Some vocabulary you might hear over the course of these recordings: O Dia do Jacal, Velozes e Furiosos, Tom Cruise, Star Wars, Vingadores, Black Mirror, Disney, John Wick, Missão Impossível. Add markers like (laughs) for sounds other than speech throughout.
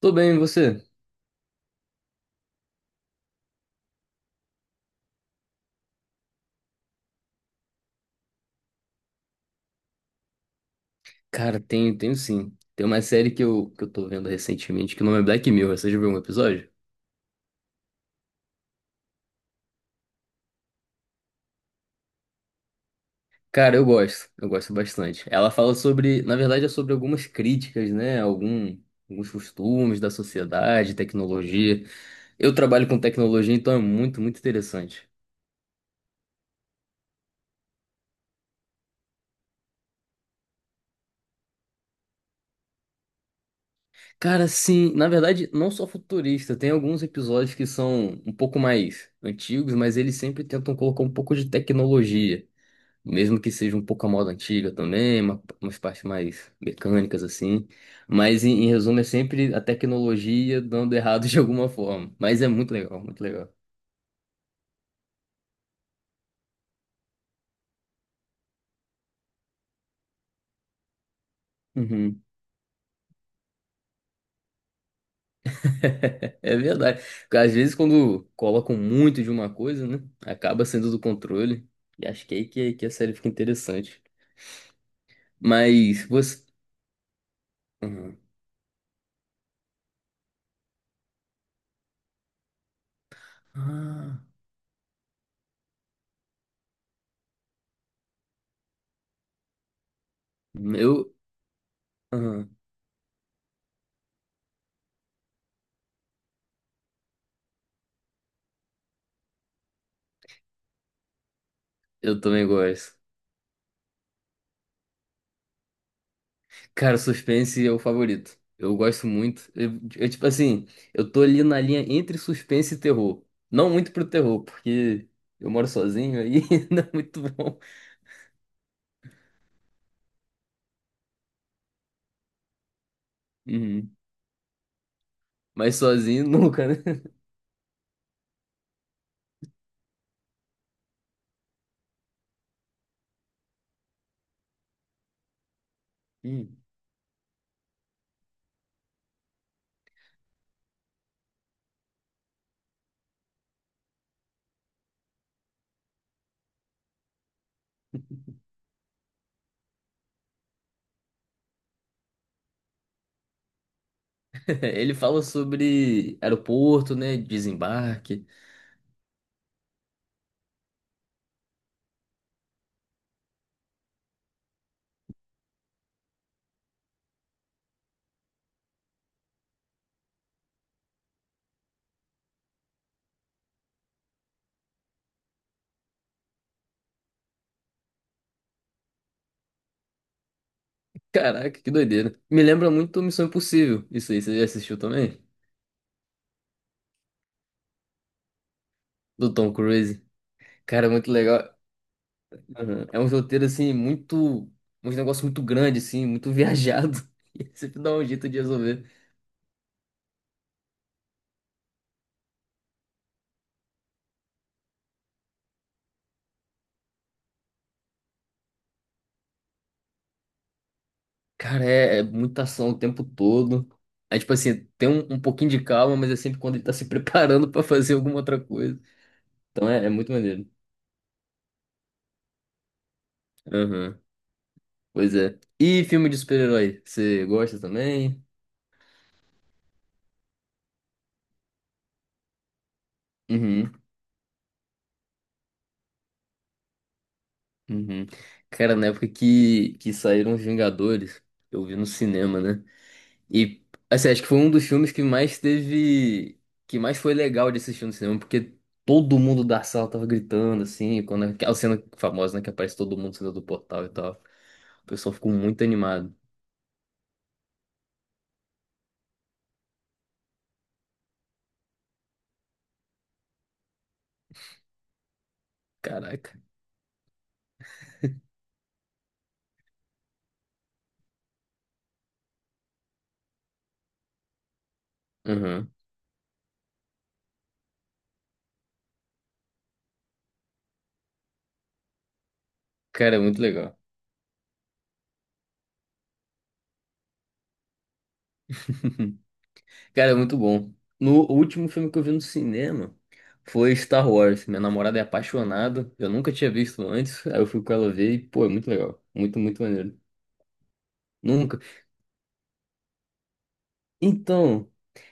Tô bem, e você? Cara, tenho sim. Tem uma série que eu tô vendo recentemente que o nome é Black Mirror. Você já viu um episódio? Cara, eu gosto. Eu gosto bastante. Ela fala sobre, na verdade, é sobre algumas críticas, né? Alguns costumes da sociedade, tecnologia. Eu trabalho com tecnologia, então é muito interessante. Cara, sim, na verdade, não só futurista, tem alguns episódios que são um pouco mais antigos, mas eles sempre tentam colocar um pouco de tecnologia. Mesmo que seja um pouco a moda antiga também, umas partes mais mecânicas assim. Mas em resumo é sempre a tecnologia dando errado (laughs) de alguma forma. Mas é muito legal, muito legal. Uhum. (laughs) É verdade. Porque às vezes quando colocam muito de uma coisa, né? Acaba sendo do controle. E acho que é aí que a série fica interessante. Mas você. Uhum. Ah, eu. Uhum. Eu também gosto. Cara, suspense é o favorito. Eu gosto muito. Tipo assim, eu tô ali na linha entre suspense e terror. Não muito pro terror, porque eu moro sozinho aí, (laughs) não é muito bom. Uhum. Mas sozinho (laughs) nunca, né? Hum. (laughs) Ele fala sobre aeroporto, né? Desembarque. Caraca, que doideira. Me lembra muito Missão Impossível. Isso aí, você já assistiu também? Do Tom Cruise. Cara, é muito legal. Uhum. É um roteiro, assim, muito. Um negócio muito grande, assim, muito viajado. (laughs) E sempre dá um jeito de resolver. Cara, é muita ação o tempo todo. É tipo assim, um pouquinho de calma, mas é sempre quando ele tá se (laughs) preparando pra fazer alguma outra coisa. Então é muito maneiro. Aham. Pois é. E filme de super-herói? Você gosta também? Uhum. Uhum. Cara, na época que saíram os Vingadores, eu vi no cinema, né? E assim, acho que foi um dos filmes que mais teve. Que mais foi legal de assistir no cinema, porque todo mundo da sala tava gritando, assim, quando aquela cena famosa, né? Que aparece todo mundo saindo do portal e tal. O pessoal ficou muito animado. Caraca. Uhum. Cara, é muito legal. (laughs) Cara, é muito bom. No o último filme que eu vi no cinema foi Star Wars. Minha namorada é apaixonada. Eu nunca tinha visto antes. Aí eu fui com ela ver e, pô, é muito legal. Muito, muito maneiro. Nunca. Então,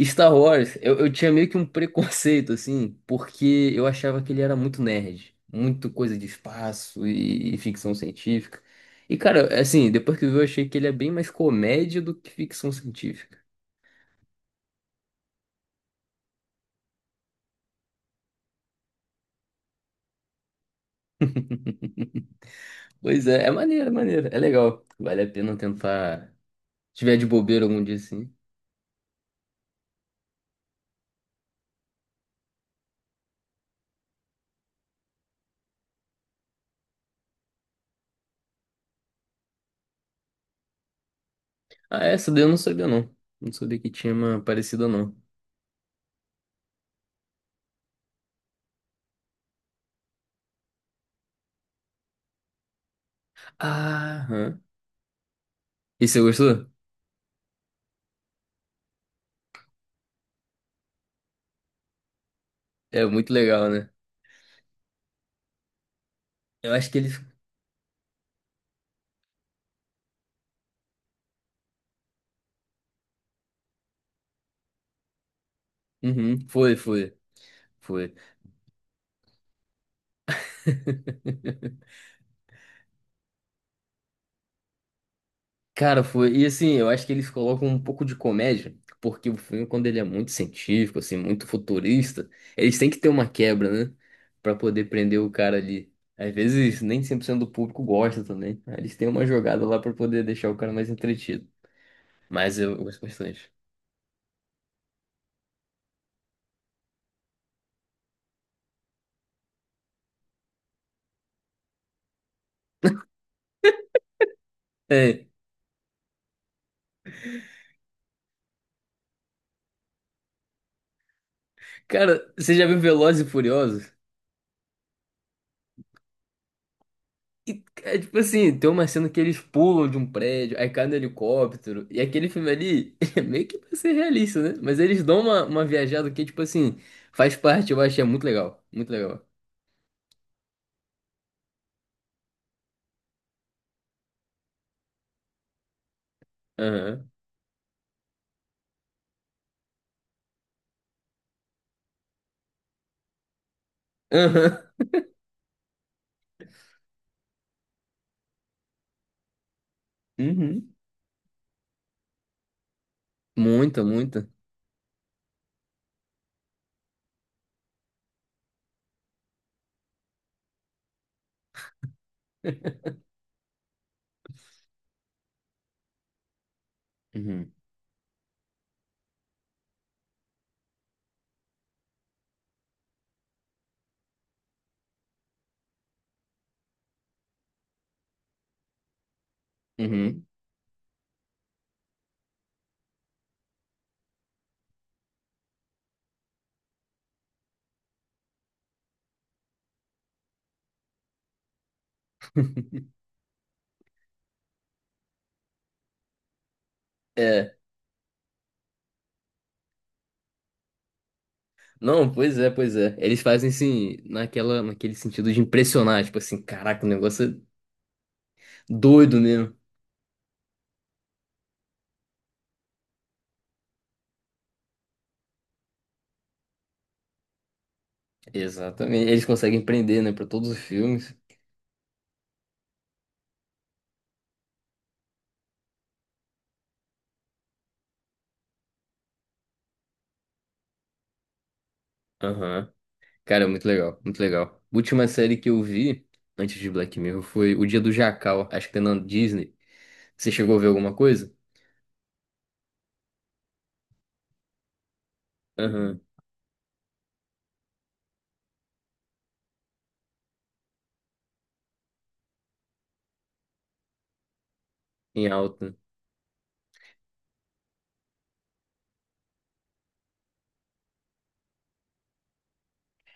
Star Wars, eu tinha meio que um preconceito, assim, porque eu achava que ele era muito nerd, muito coisa de espaço e ficção científica. E, cara, assim, depois que eu vi, eu achei que ele é bem mais comédia do que ficção científica. Pois é, é maneiro, é maneiro, é legal. Vale a pena tentar, se tiver de bobeira algum dia, assim. Ah, essa daí eu não sabia, não. Não sabia que tinha uma parecida, não. Aham. E você gostou? É muito legal, né? Eu acho que eles... Uhum, foi, foi, foi. (laughs) Cara, foi. E assim, eu acho que eles colocam um pouco de comédia, porque o filme, quando ele é muito científico, assim, muito futurista, eles têm que ter uma quebra, né? Pra poder prender o cara ali. Às vezes, nem 100% do público gosta também. Aí eles têm uma jogada lá pra poder deixar o cara mais entretido. Mas eu gosto bastante. É, cara, você já viu Velozes e Furiosos? E, é tipo assim, tem uma cena que eles pulam de um prédio, aí cai no helicóptero, e aquele filme ali (laughs) é meio que pra ser realista, né? Mas eles dão uma viajada que, tipo assim, faz parte, eu achei muito legal. Muito legal. Aham. Aham. Uhum. Muita, muita. (laughs) Uhum. Uhum. É. Não, pois é, pois é. Eles fazem assim, naquele sentido de impressionar, tipo assim, caraca, o negócio é doido mesmo. Exatamente. Eles conseguem prender, né, pra todos os filmes. Aham. Cara, muito legal, muito legal. Última série que eu vi antes de Black Mirror foi O Dia do Jacal, acho que tem na Disney. Você chegou a ver alguma coisa? Aham, em alta.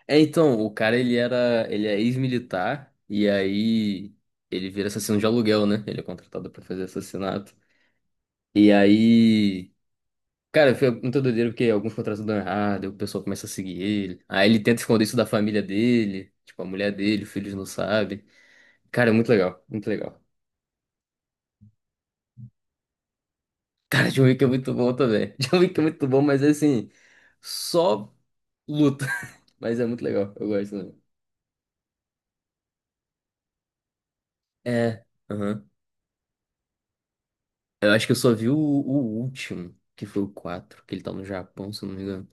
É, então, o cara ele é ex-militar e aí ele vira assassino de aluguel, né? Ele é contratado pra fazer assassinato. E aí, cara, foi muito doideira porque alguns contratos dão errado, aí o pessoal começa a seguir ele. Aí ele tenta esconder isso da família dele, tipo a mulher dele, os filhos não sabem. Cara, é muito legal, muito legal. Cara, John Wick é muito bom também. (laughs) John Wick é muito bom, mas assim, só luta. (laughs) Mas é muito legal, eu gosto também. É, aham. Eu acho que eu só vi o último, que foi o 4, que ele tá no Japão, se eu não me engano.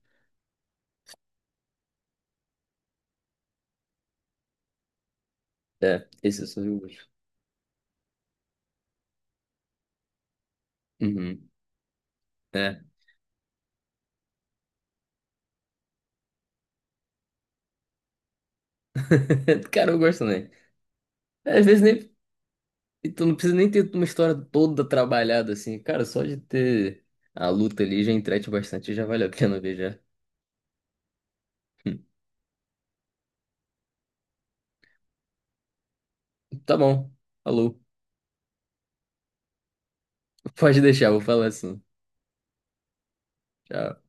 É, esse eu só vi o último. Uhum. É. (laughs) Cara, eu gosto também. É, às vezes nem. E tu não precisa nem ter uma história toda trabalhada assim. Cara, só de ter a luta ali já entrete bastante, já vale a pena ver já. (laughs) Tá bom. Alô. Pode deixar, vou falar assim. Tchau.